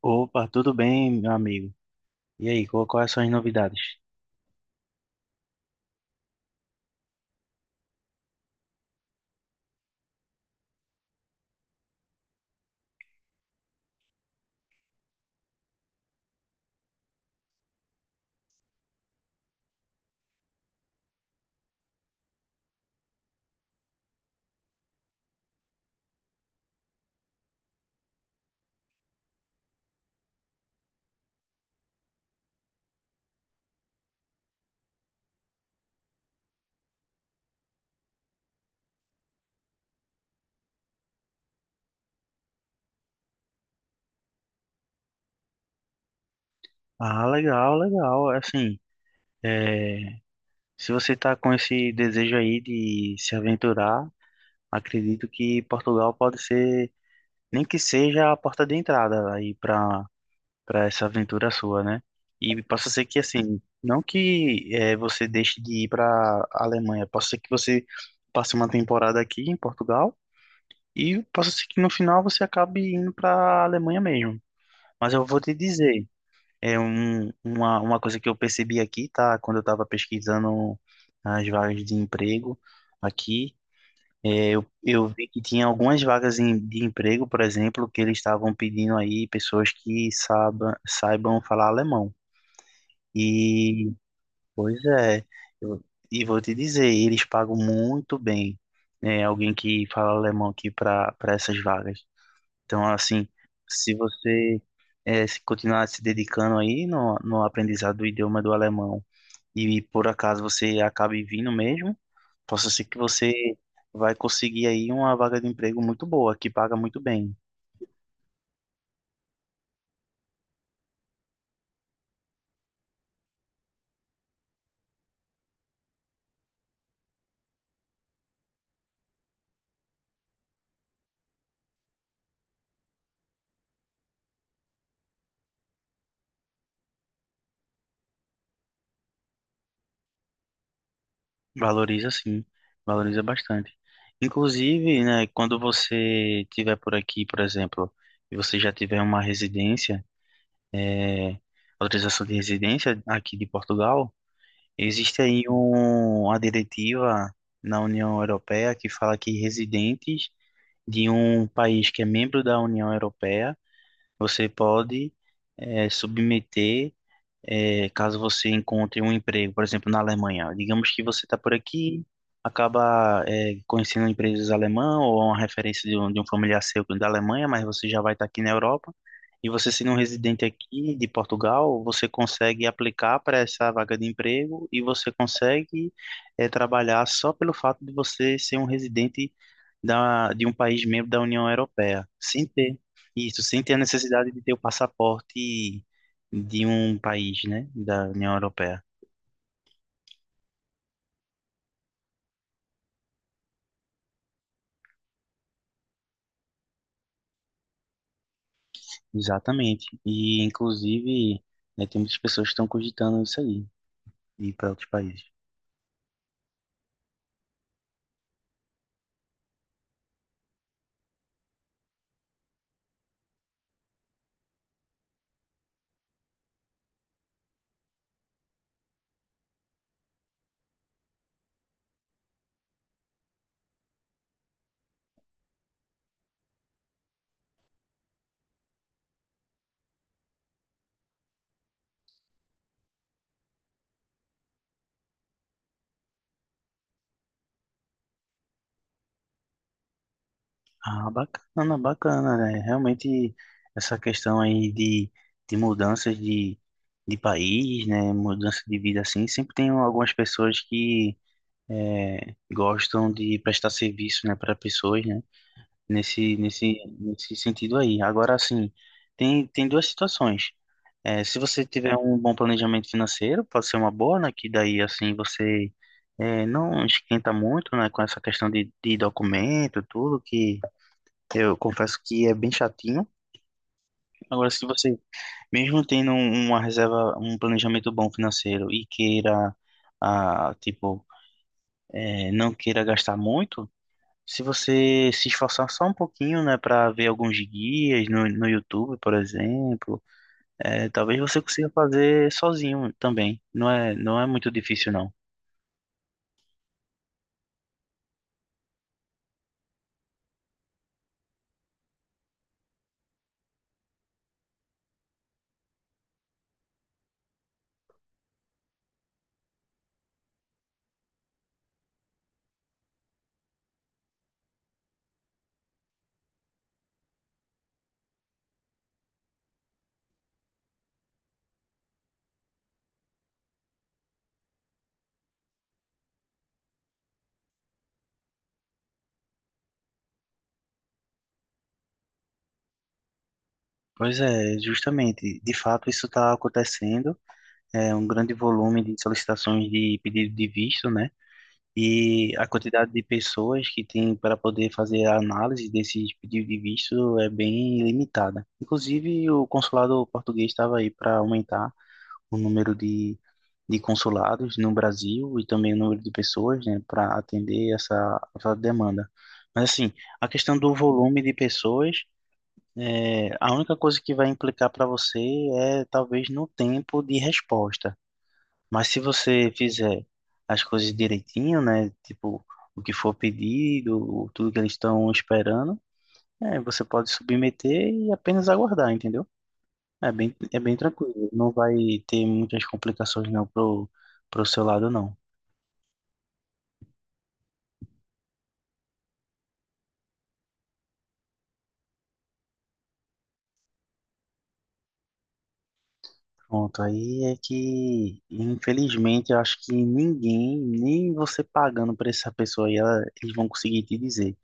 Opa, tudo bem, meu amigo? E aí, quais são as novidades? Ah, legal, legal. Assim, é, se você está com esse desejo aí de se aventurar, acredito que Portugal pode ser, nem que seja a porta de entrada aí para essa aventura sua, né? E possa ser que, assim, não que é, você deixe de ir para Alemanha, possa ser que você passe uma temporada aqui em Portugal e possa ser que no final você acabe indo para Alemanha mesmo. Mas eu vou te dizer. Uma coisa que eu percebi aqui, tá? Quando eu estava pesquisando as vagas de emprego aqui, eu vi que tinha algumas vagas de emprego, por exemplo, que eles estavam pedindo aí pessoas que saibam falar alemão. E, pois é, eu, e vou te dizer, eles pagam muito bem, né, alguém que fala alemão aqui para essas vagas. Então, assim, se você se continuar se dedicando aí no aprendizado do idioma do alemão e por acaso você acabe vindo mesmo, possa ser que você vai conseguir aí uma vaga de emprego muito boa, que paga muito bem. Valoriza sim, valoriza bastante. Inclusive, né, quando você tiver por aqui, por exemplo, e você já tiver uma residência, eh, autorização de residência aqui de Portugal. Existe aí uma diretiva na União Europeia que fala que residentes de um país que é membro da União Europeia, você pode submeter caso você encontre um emprego, por exemplo, na Alemanha. Digamos que você está por aqui, acaba conhecendo empresas alemãs ou uma referência de de um familiar seu da Alemanha, mas você já vai estar aqui na Europa. E você sendo um residente aqui de Portugal, você consegue aplicar para essa vaga de emprego e você consegue trabalhar só pelo fato de você ser um residente de um país membro da União Europeia, sem ter isso, sem ter a necessidade de ter o passaporte de um país, né, da União Europeia. Exatamente. E, inclusive, né, tem muitas pessoas que estão cogitando isso aí, ir para outros países. Ah, bacana, bacana, né? Realmente, essa questão aí de mudanças de país, né, mudança de vida assim, sempre tem algumas pessoas que gostam de prestar serviço, né, para pessoas, né, nesse sentido aí. Agora, assim, tem duas situações. É, se você tiver um bom planejamento financeiro, pode ser uma boa, né? Que daí, assim, você não esquenta muito, né? Com essa questão de documento, tudo, que eu confesso que é bem chatinho. Agora, se você, mesmo tendo uma reserva, um planejamento bom financeiro e queira, ah, tipo, não queira gastar muito, se você se esforçar só um pouquinho, né? Para ver alguns guias no YouTube, por exemplo, é, talvez você consiga fazer sozinho também. Não é muito difícil, não. Pois é, justamente. De fato, isso está acontecendo. É um grande volume de solicitações de pedido de visto, né? E a quantidade de pessoas que tem para poder fazer a análise desses pedidos de visto é bem limitada. Inclusive, o consulado português estava aí para aumentar o número de consulados no Brasil e também o número de pessoas, né, para atender essa demanda. Mas assim, a questão do volume de pessoas, é, a única coisa que vai implicar para você é talvez no tempo de resposta. Mas se você fizer as coisas direitinho, né, tipo o que for pedido, tudo que eles estão esperando, é, você pode submeter e apenas aguardar, entendeu? É bem tranquilo. Não vai ter muitas complicações não pro seu lado, não. Pronto, aí é que, infelizmente, eu acho que ninguém, nem você pagando para essa pessoa aí, eles vão conseguir te dizer.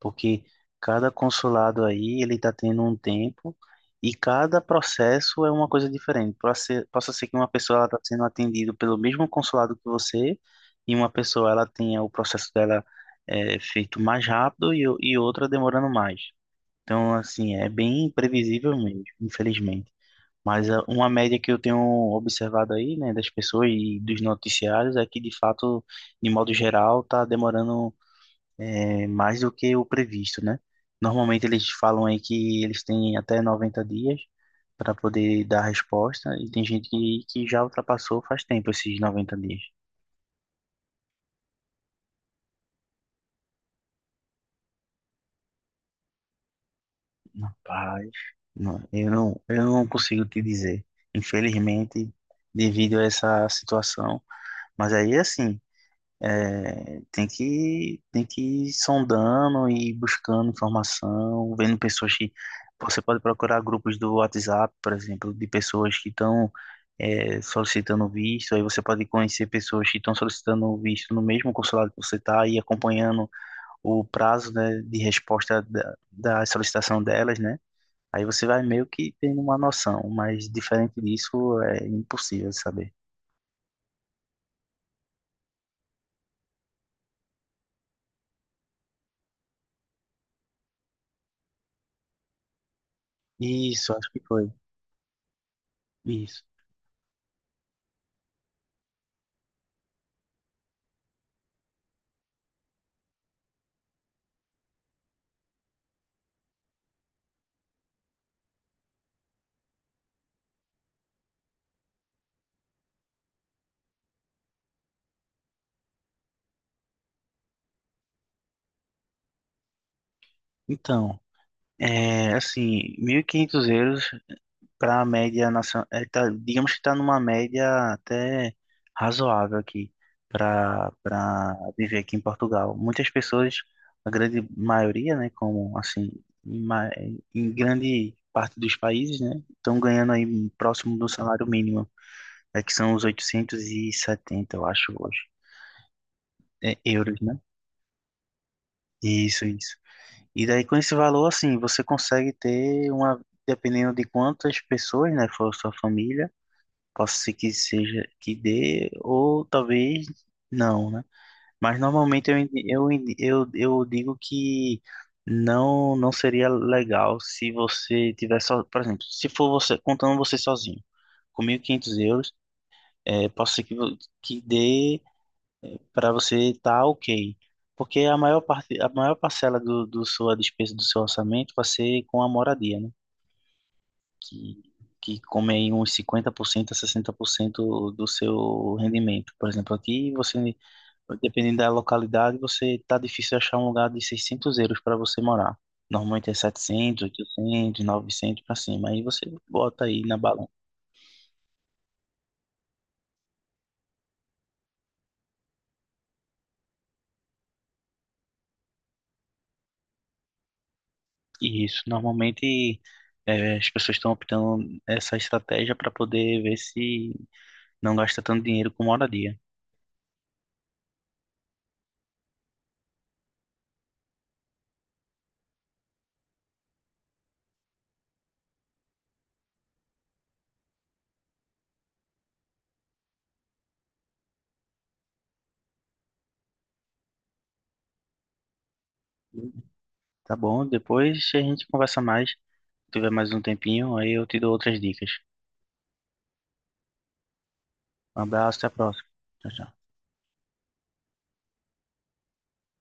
Porque cada consulado aí, ele tá tendo um tempo e cada processo é uma coisa diferente. Possa ser que uma pessoa ela tá sendo atendida pelo mesmo consulado que você e uma pessoa ela tenha o processo dela feito mais rápido e, e outra demorando mais. Então, assim, é bem previsível mesmo, infelizmente. Mas ah, uma média que eu tenho observado aí, né, das pessoas e dos noticiários é que, de fato, de modo geral, tá demorando mais do que o previsto, né? Normalmente eles falam aí que eles têm até 90 dias para poder dar resposta e tem gente que já ultrapassou faz tempo esses 90 dias. Rapaz, eu não consigo te dizer. Infelizmente, devido a essa situação, mas aí, assim, é, tem que ir sondando e buscando informação, vendo pessoas que. Você pode procurar grupos do WhatsApp, por exemplo, de pessoas que estão solicitando visto. Aí você pode conhecer pessoas que estão solicitando visto no mesmo consulado que você está e acompanhando o prazo, né, de resposta da solicitação delas, né? Aí você vai meio que tendo uma noção, mas diferente disso é impossível de saber. Isso, acho que foi. Isso. Então, é, assim, 1.500 euros para a média nacional, é, tá, digamos que está numa média até razoável aqui para viver aqui em Portugal. Muitas pessoas, a grande maioria, né, como assim, em, ma- em grande parte dos países, né, estão ganhando aí próximo do salário mínimo, é que são os 870 eu acho, hoje, é, euros, né? Isso, isso. E daí com esse valor, assim, você consegue ter uma, dependendo de quantas pessoas, né, for sua família, possa ser que seja que dê, ou talvez não, né? Mas normalmente eu digo que não seria legal se você tiver só, por exemplo, se for você, contando você sozinho, com 1.500 euros, é, posso ser que, que dê para você estar ok. Porque a maior parte, a maior parcela do sua despesa do seu orçamento vai ser com a moradia, né? Que, que come aí uns 50% a 60% do seu rendimento. Por exemplo, aqui você, dependendo da localidade, você tá difícil achar um lugar de 600 euros para você morar. Normalmente é setecentos, 800, 900 para cima. Aí você bota aí na balança. Isso, normalmente as pessoas estão optando essa estratégia para poder ver se não gasta tanto dinheiro com moradia. Tá bom? Depois a gente conversa mais. Se tiver mais um tempinho, aí eu te dou outras dicas. Um abraço, até a próxima. Tchau, tchau.